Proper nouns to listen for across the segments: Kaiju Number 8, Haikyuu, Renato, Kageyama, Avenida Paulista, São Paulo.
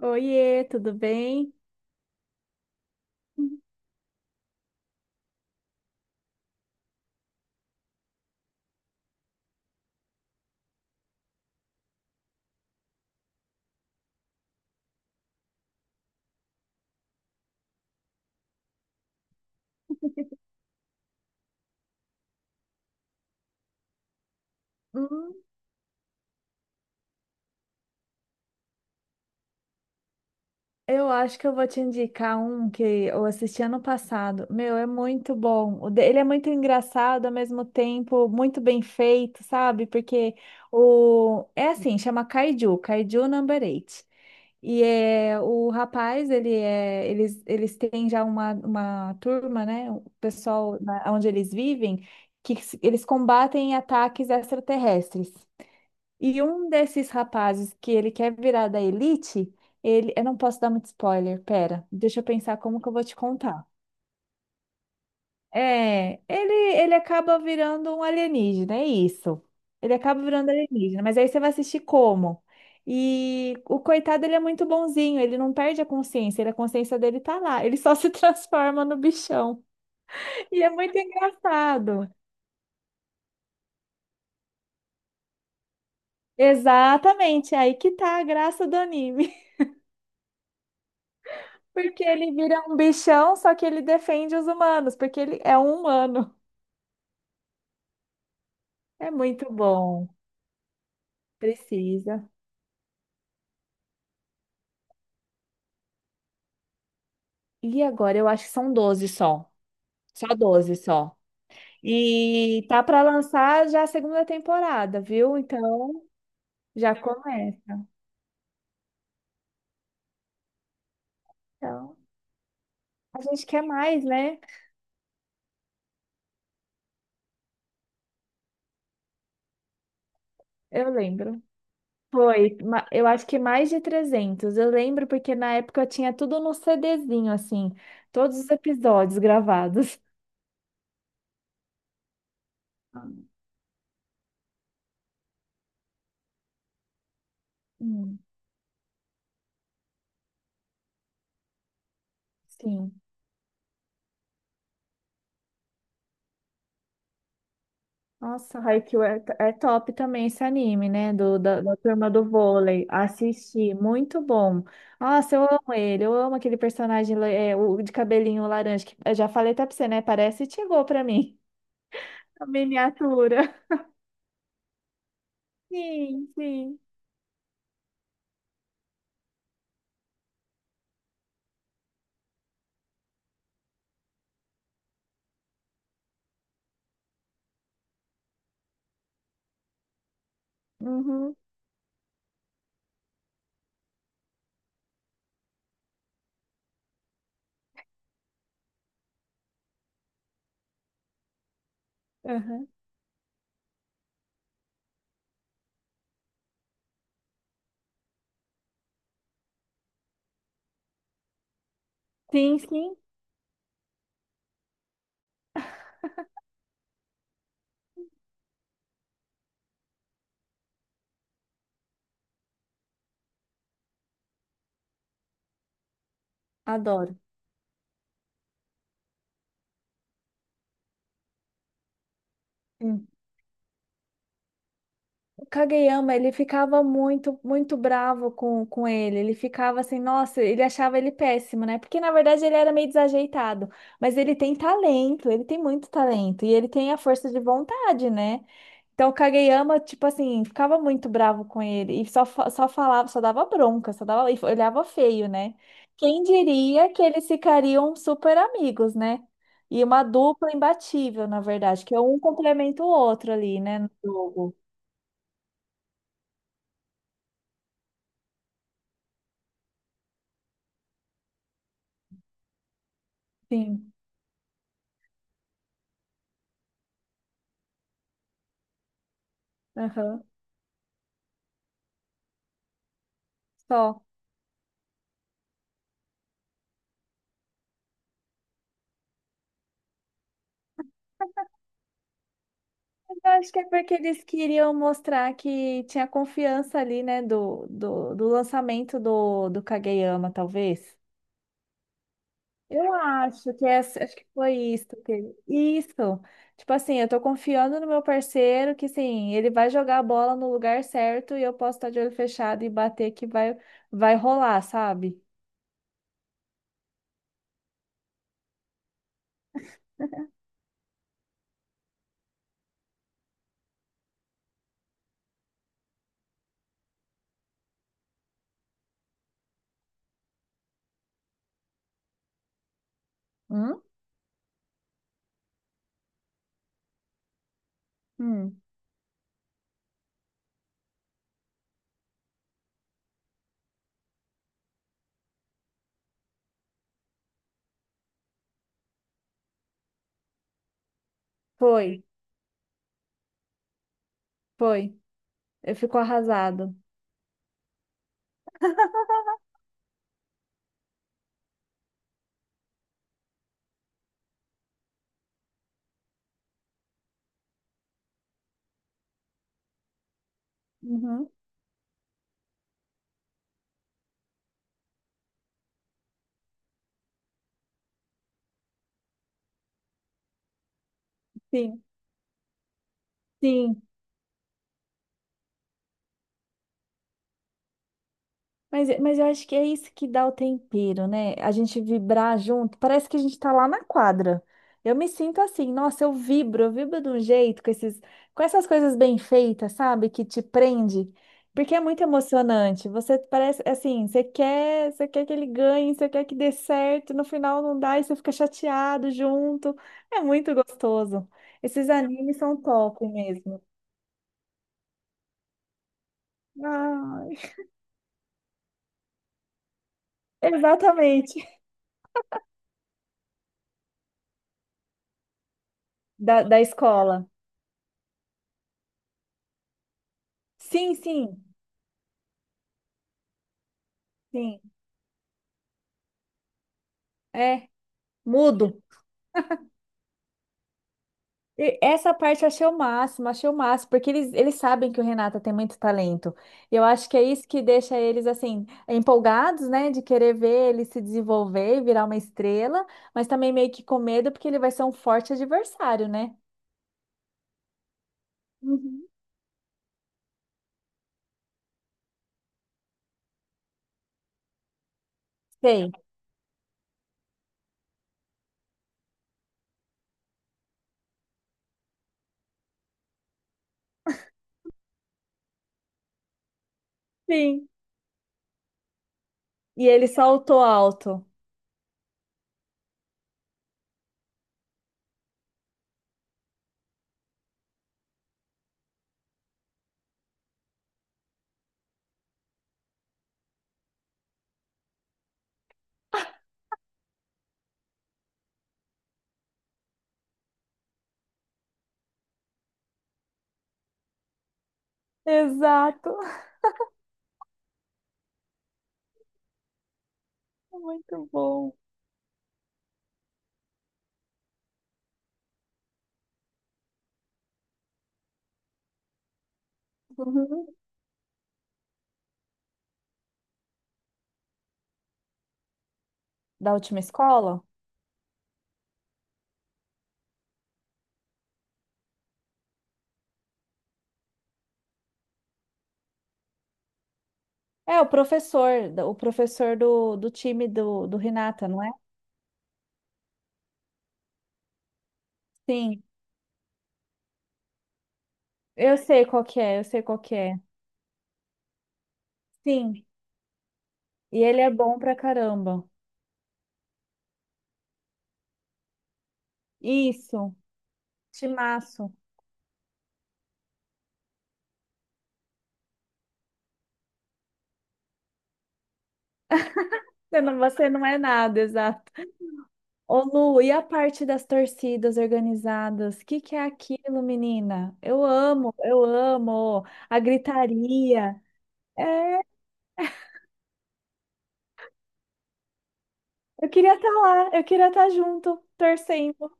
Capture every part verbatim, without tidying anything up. Oiê, tudo bem? Hum, Eu acho que eu vou te indicar um que eu assisti ano passado. Meu, é muito bom. O de- Ele é muito engraçado, ao mesmo tempo, muito bem feito, sabe? Porque o... é assim, chama Kaiju, Kaiju Number oito. E é... o rapaz, ele é... eles, eles têm já uma, uma, turma, né? O pessoal na... onde eles vivem, que s- eles combatem ataques extraterrestres. E um desses rapazes que ele quer virar da elite, ele, eu não posso dar muito spoiler, pera, deixa eu pensar como que eu vou te contar. É, ele, ele acaba virando um alienígena, é isso. Ele acaba virando alienígena, mas aí você vai assistir como? E o coitado, ele é muito bonzinho, ele não perde a consciência, ele- a consciência dele tá lá, ele só se transforma no bichão. E é muito engraçado. Exatamente, aí que tá a graça do anime. Porque ele vira um bichão, só que ele defende os humanos, porque ele é um humano. É muito bom. Precisa. E agora eu acho que são doze só. Só doze só. E tá para lançar já a segunda temporada, viu? Então já começa. Então, a gente quer mais, né? Eu lembro. Foi, ma- eu acho que mais de trezentos. Eu lembro porque na época eu tinha tudo no CDzinho, assim, todos os episódios gravados. Hum, sim. Nossa, Haikyuu é, é top também esse anime, né? Do, da, da turma do vôlei. Assisti, muito bom. Nossa, eu amo ele, eu amo aquele personagem la- é, o de cabelinho laranja, que eu já falei até pra você, né? Parece chegou pra mim. A miniatura. Sim, sim. Uhum, uhum. Sim, sim. Adoro. Kageyama, ele ficava muito, muito bravo com, com ele. Ele ficava assim, nossa, ele achava ele péssimo, né? Porque na verdade ele era meio desajeitado. Mas ele tem talento, ele tem muito talento. E ele tem a força de vontade, né? Então o Kageyama, tipo assim, ficava muito bravo com ele. E só, fa- só falava, só dava bronca, só dava, e olhava feio, né? Quem diria que eles ficariam super amigos, né? E uma dupla imbatível, na verdade, que é um complementa o outro ali, né, no jogo. Sim. Aham. Só. Mas eu acho que é porque eles queriam mostrar que tinha confiança ali, né, do, do, do lançamento do, do Kageyama, talvez. Eu acho que essa, acho que foi isso que isso. Tipo assim, eu tô confiando no meu parceiro que sim, ele vai jogar a bola no lugar certo e eu posso estar de olho fechado e bater que vai vai rolar, sabe? Hum? Hum. Foi, foi. Eu fico arrasado. Uhum. Sim, sim. Mas, mas eu acho que é isso que dá o tempero, né? A gente vibrar junto, parece que a gente tá lá na quadra. Eu me sinto assim, nossa, eu vibro, eu vibro de um jeito com esses, com essas coisas bem feitas, sabe? Que te prende, porque é muito emocionante. Você parece assim, você quer, você quer que ele ganhe, você quer que dê certo, no final não dá e você fica chateado junto. É muito gostoso. Esses animes são top mesmo. Ai. Exatamente. Da, da escola. Sim, sim. Sim. É, mudo. E essa parte eu achei o máximo, achei o máximo, porque eles, eles sabem que o Renato tem muito talento. E eu acho que é isso que deixa eles, assim, empolgados, né, de querer ver ele se desenvolver e virar uma estrela, mas também meio que com medo, porque ele vai ser um forte adversário, né? Uhum. Sei. Sim. E ele saltou alto. Exato. Uhum. Da última escola? É, o professor, o professor do, do time do, do Renata, não é? Sim, eu sei qual que é, eu sei qual que é. Sim, e ele é bom pra caramba. Isso, timaço. Você não, você não é nada, exato. Ô Lu, e a parte das torcidas organizadas? O que que é aquilo, menina? Eu amo, eu amo a gritaria. É, eu queria estar lá, eu queria estar junto, torcendo.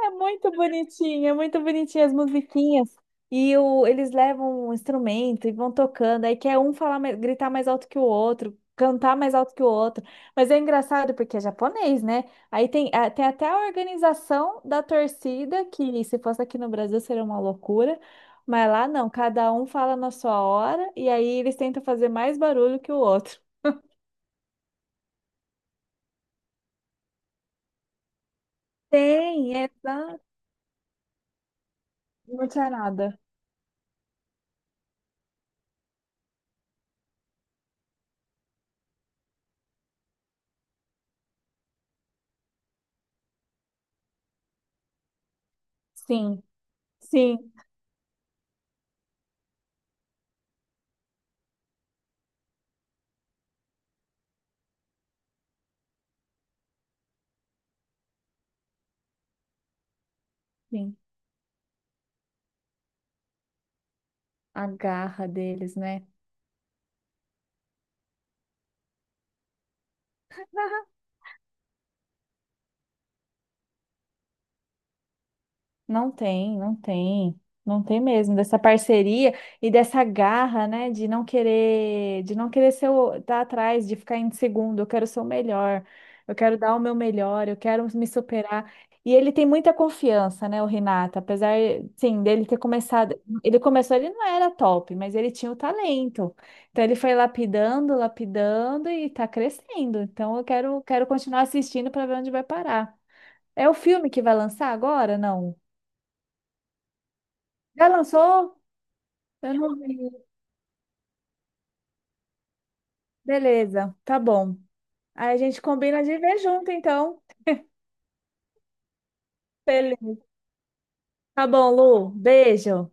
É muito bonitinho, é muito bonitinho as musiquinhas. E o, eles levam um instrumento e vão tocando. Aí quer um falar, mais- gritar mais alto que o outro, cantar mais alto que o outro. Mas é engraçado porque é japonês, né? Aí tem, a- tem até a organização da torcida, que se fosse aqui no Brasil seria uma loucura. Mas lá não, cada um fala na sua hora e aí eles tentam fazer mais barulho que o outro. Tem, exato. Não tinha nada. Sim, sim, sim. A garra deles, né? Não tem, não tem, não tem mesmo dessa parceria e dessa garra, né, de não querer, de não querer ser o, tá atrás, de ficar em segundo, eu quero ser o melhor, eu quero dar o meu melhor, eu quero me superar. E ele tem muita confiança, né, o Renato, apesar, sim, dele ter começado, ele começou, ele não era top, mas ele tinha o talento. Então ele foi lapidando, lapidando e tá crescendo. Então eu quero, quero continuar assistindo para ver onde vai parar. É o filme que vai lançar agora? Não. Já lançou? Eu não vi. Beleza, tá bom. Aí a gente combina de ver junto, então. Beleza. Tá bom, Lu. Beijo.